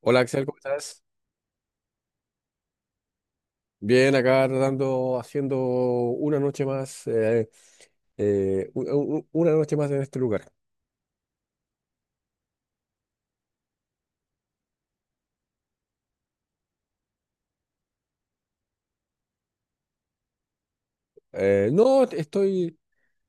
Hola Axel, ¿cómo estás? Bien, acá tratando, haciendo una noche más, eh, u- una noche más en este lugar. No,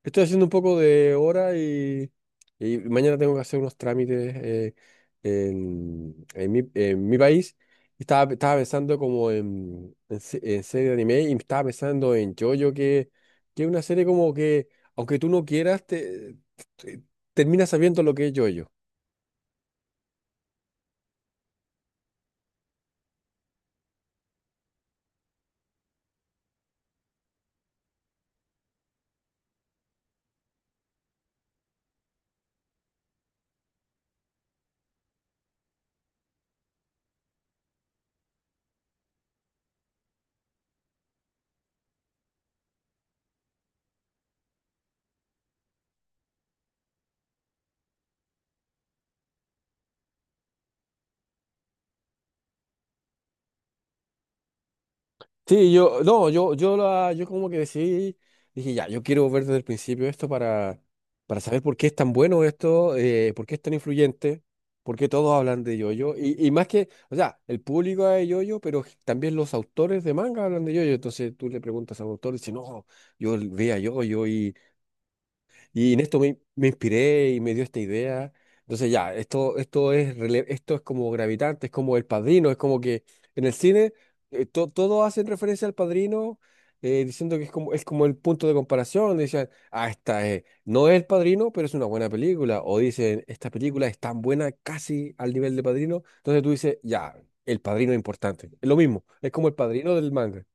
estoy haciendo un poco de hora y mañana tengo que hacer unos trámites en mi país. Y estaba pensando como en serie de anime y estaba pensando en JoJo, que es una serie como que, aunque tú no quieras, te- terminas sabiendo lo que es JoJo. Sí, no, yo como que decidí, dije, ya, yo quiero ver desde el principio esto para saber por qué es tan bueno esto, por qué es tan influyente, por qué todos hablan de yoyo. Y más que, o sea, el público habla de yoyo, pero también los autores de manga hablan de yoyo. Entonces tú le preguntas a un autor y dice, no, yo veía yoyo y en esto me inspiré y me dio esta idea. Entonces ya, esto es como gravitante, es como El Padrino, es como que en el cine todos hacen referencia al Padrino diciendo que es como el punto de comparación. Dicen, ah, no es El Padrino, pero es una buena película. O dicen, esta película es tan buena casi al nivel de Padrino. Entonces tú dices, ya, El Padrino es importante. Es lo mismo, es como El Padrino del manga.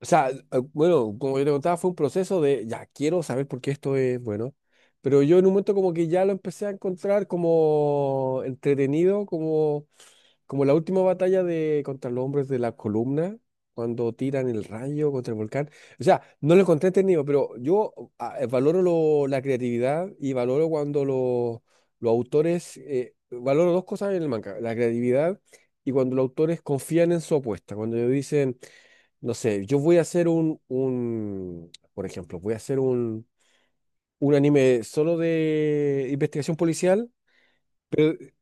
O sea, bueno, como yo te contaba, fue un proceso de, ya, quiero saber por qué esto es bueno, pero yo en un momento como que ya lo empecé a encontrar como entretenido, como la última batalla de contra los hombres de la columna, cuando tiran el rayo contra el volcán. O sea, no lo encontré entretenido, pero yo valoro la creatividad y valoro cuando los autores, valoro dos cosas en el manga, la creatividad y cuando los autores confían en su apuesta, cuando ellos dicen no sé, yo voy a hacer por ejemplo, voy a hacer un anime solo de investigación policial.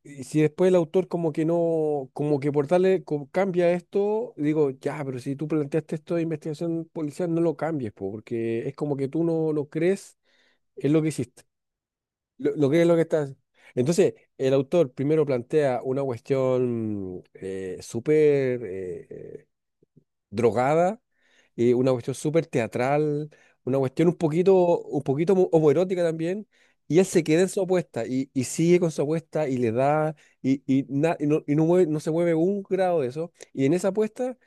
Y si después el autor como que no, como que por darle, como cambia esto, digo, ya, pero si tú planteaste esto de investigación policial, no lo cambies, po, porque es como que tú no lo crees, es lo que hiciste, lo que es lo que estás. Entonces, el autor primero plantea una cuestión súper drogada, una cuestión súper teatral, una cuestión un poquito homoerótica también, y él se queda en su apuesta y sigue con su apuesta y le da, no se mueve un grado de eso, y en esa apuesta,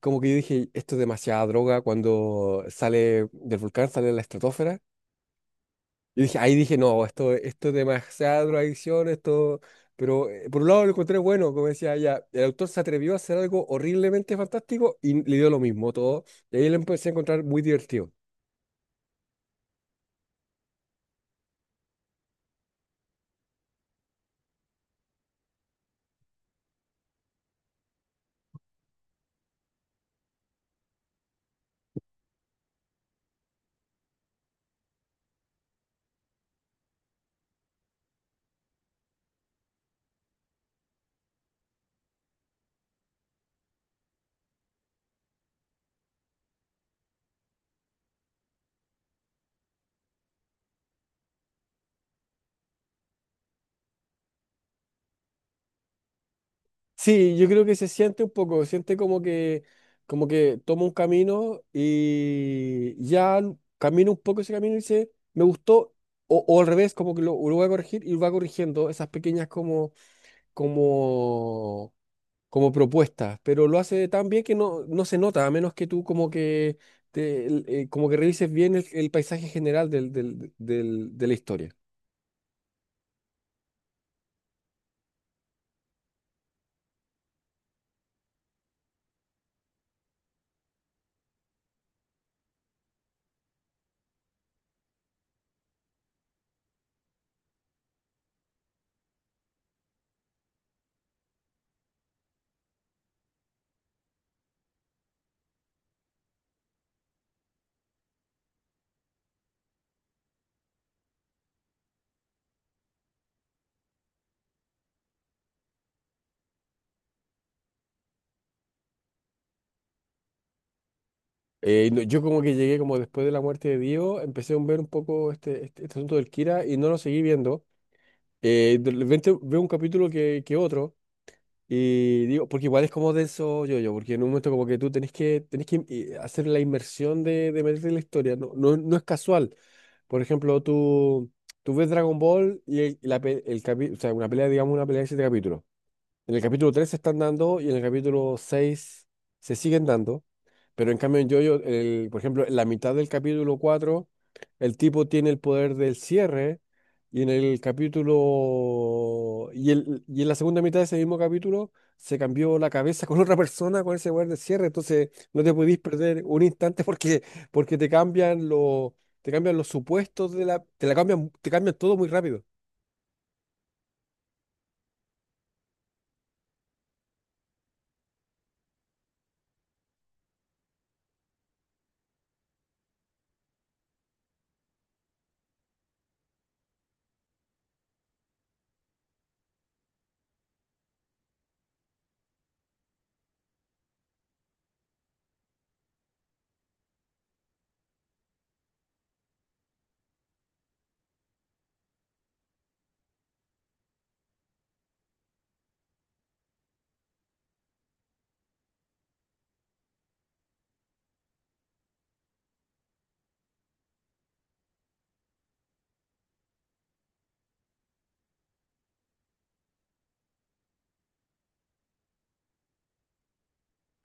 como que yo dije, esto es demasiada droga, cuando sale del volcán, sale de la estratosfera, yo dije, ahí dije, no, esto es demasiada drogadicción, esto. Pero por un lado lo encontré bueno, como decía ella, el autor se atrevió a hacer algo horriblemente fantástico y le dio lo mismo todo. Y ahí lo empecé a encontrar muy divertido. Sí, yo creo que se siente un poco, siente como que toma un camino y ya camina un poco ese camino y dice, me gustó, o al revés, como que lo voy a corregir y va corrigiendo esas pequeñas como como propuestas, pero lo hace tan bien que no se nota, a menos que tú como que como que revises bien el paisaje general de la historia. No, yo como que llegué como después de la muerte de Dio, empecé a ver un poco este asunto del Kira y no lo seguí viendo. De repente veo un capítulo que otro. Y digo, porque igual es como denso yo-yo, porque en un momento como que tú tenés que hacer la inmersión de meterte en la historia, no, no, no es casual. Por ejemplo, tú ves Dragon Ball y el, la pe- el capi- o sea, una pelea, digamos, una pelea de siete capítulos. En el capítulo 3 se están dando y en el capítulo 6 se siguen dando, pero en cambio en Jojo, el, por ejemplo, en la mitad del capítulo 4 el tipo tiene el poder del cierre y en el capítulo... Y en la segunda mitad de ese mismo capítulo se cambió la cabeza con otra persona con ese poder del cierre, entonces no te podís perder un instante porque, te cambian los... Te cambian los supuestos de la, te la cambian, te cambian todo muy rápido.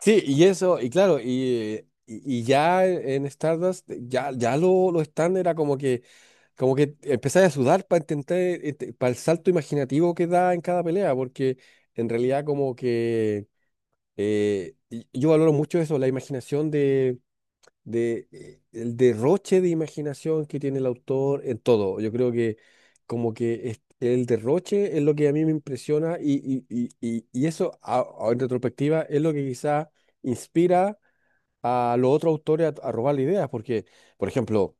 Sí, y eso, y claro, ya en Stardust, ya lo stand era como que empezaba a sudar para intentar, este, para el salto imaginativo que da en cada pelea, porque en realidad como que yo valoro mucho eso, la imaginación de el derroche de imaginación que tiene el autor en todo. Yo creo que como que el derroche es lo que a mí me impresiona eso en retrospectiva es lo que quizá inspira a los otros autores a robar ideas, porque, por ejemplo,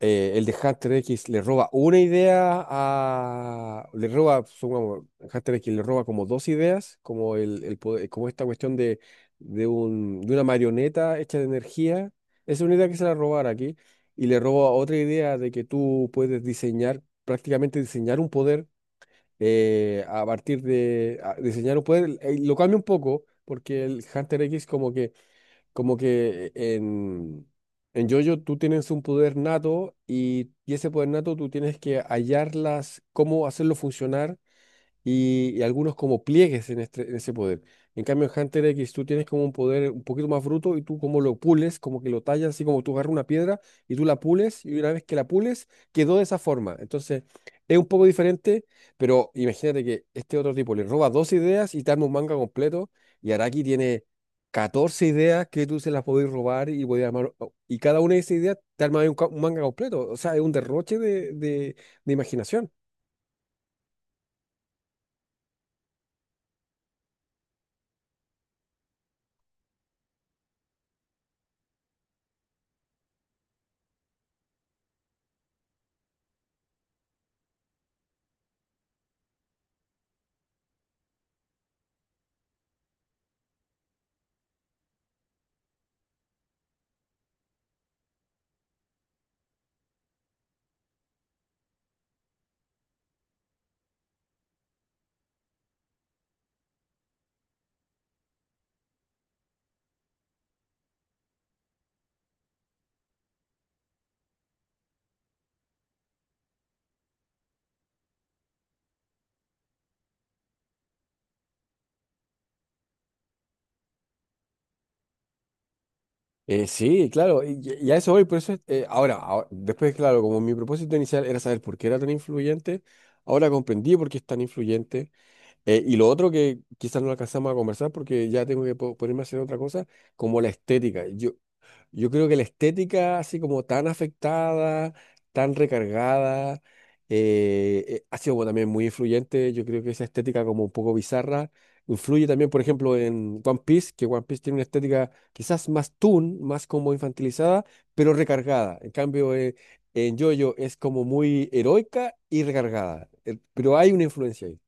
el de Hunter X le roba una idea a... Le roba, supongamos, Hunter X le roba como dos ideas, como, el poder- como esta cuestión de una marioneta hecha de energía. Esa es una idea que se la robara aquí. Y le roba otra idea de que tú puedes diseñar, prácticamente diseñar un poder a partir de... a- diseñar un poder, lo cambia un poco, porque el Hunter X como que en JoJo tú tienes un poder nato y ese poder nato tú tienes que hallarlas, cómo hacerlo funcionar y algunos como pliegues en ese poder. En cambio, en Hunter X tú tienes como un poder un poquito más bruto y tú como lo pules, como que lo tallas, así como tú agarras una piedra y tú la pules y una vez que la pules quedó de esa forma. Entonces, es un poco diferente, pero imagínate que este otro tipo le roba dos ideas y te arma un manga completo y Araki tiene 14 ideas que tú se las podés robar y podés armar, y cada una de esas ideas te arma un manga completo. O sea, es un derroche de imaginación. Sí, claro, y a eso voy, por eso, después, claro, como mi propósito inicial era saber por qué era tan influyente, ahora comprendí por qué es tan influyente, y lo otro que quizás no alcanzamos a conversar porque ya tengo que ponerme a hacer otra cosa, como la estética. Yo creo que la estética, así como tan afectada, tan recargada, ha sido como también muy influyente. Yo creo que esa estética como un poco bizarra influye también, por ejemplo, en One Piece, que One Piece tiene una estética quizás más toon, más como infantilizada, pero recargada. En cambio, en JoJo es como muy heroica y recargada. Pero hay una influencia ahí.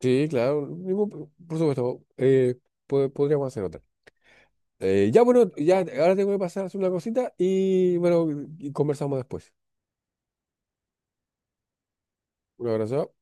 Sí, claro, por supuesto, podríamos hacer otra. Ya, bueno, ya ahora tengo que pasar a hacer una cosita y bueno, y conversamos después. Un abrazo.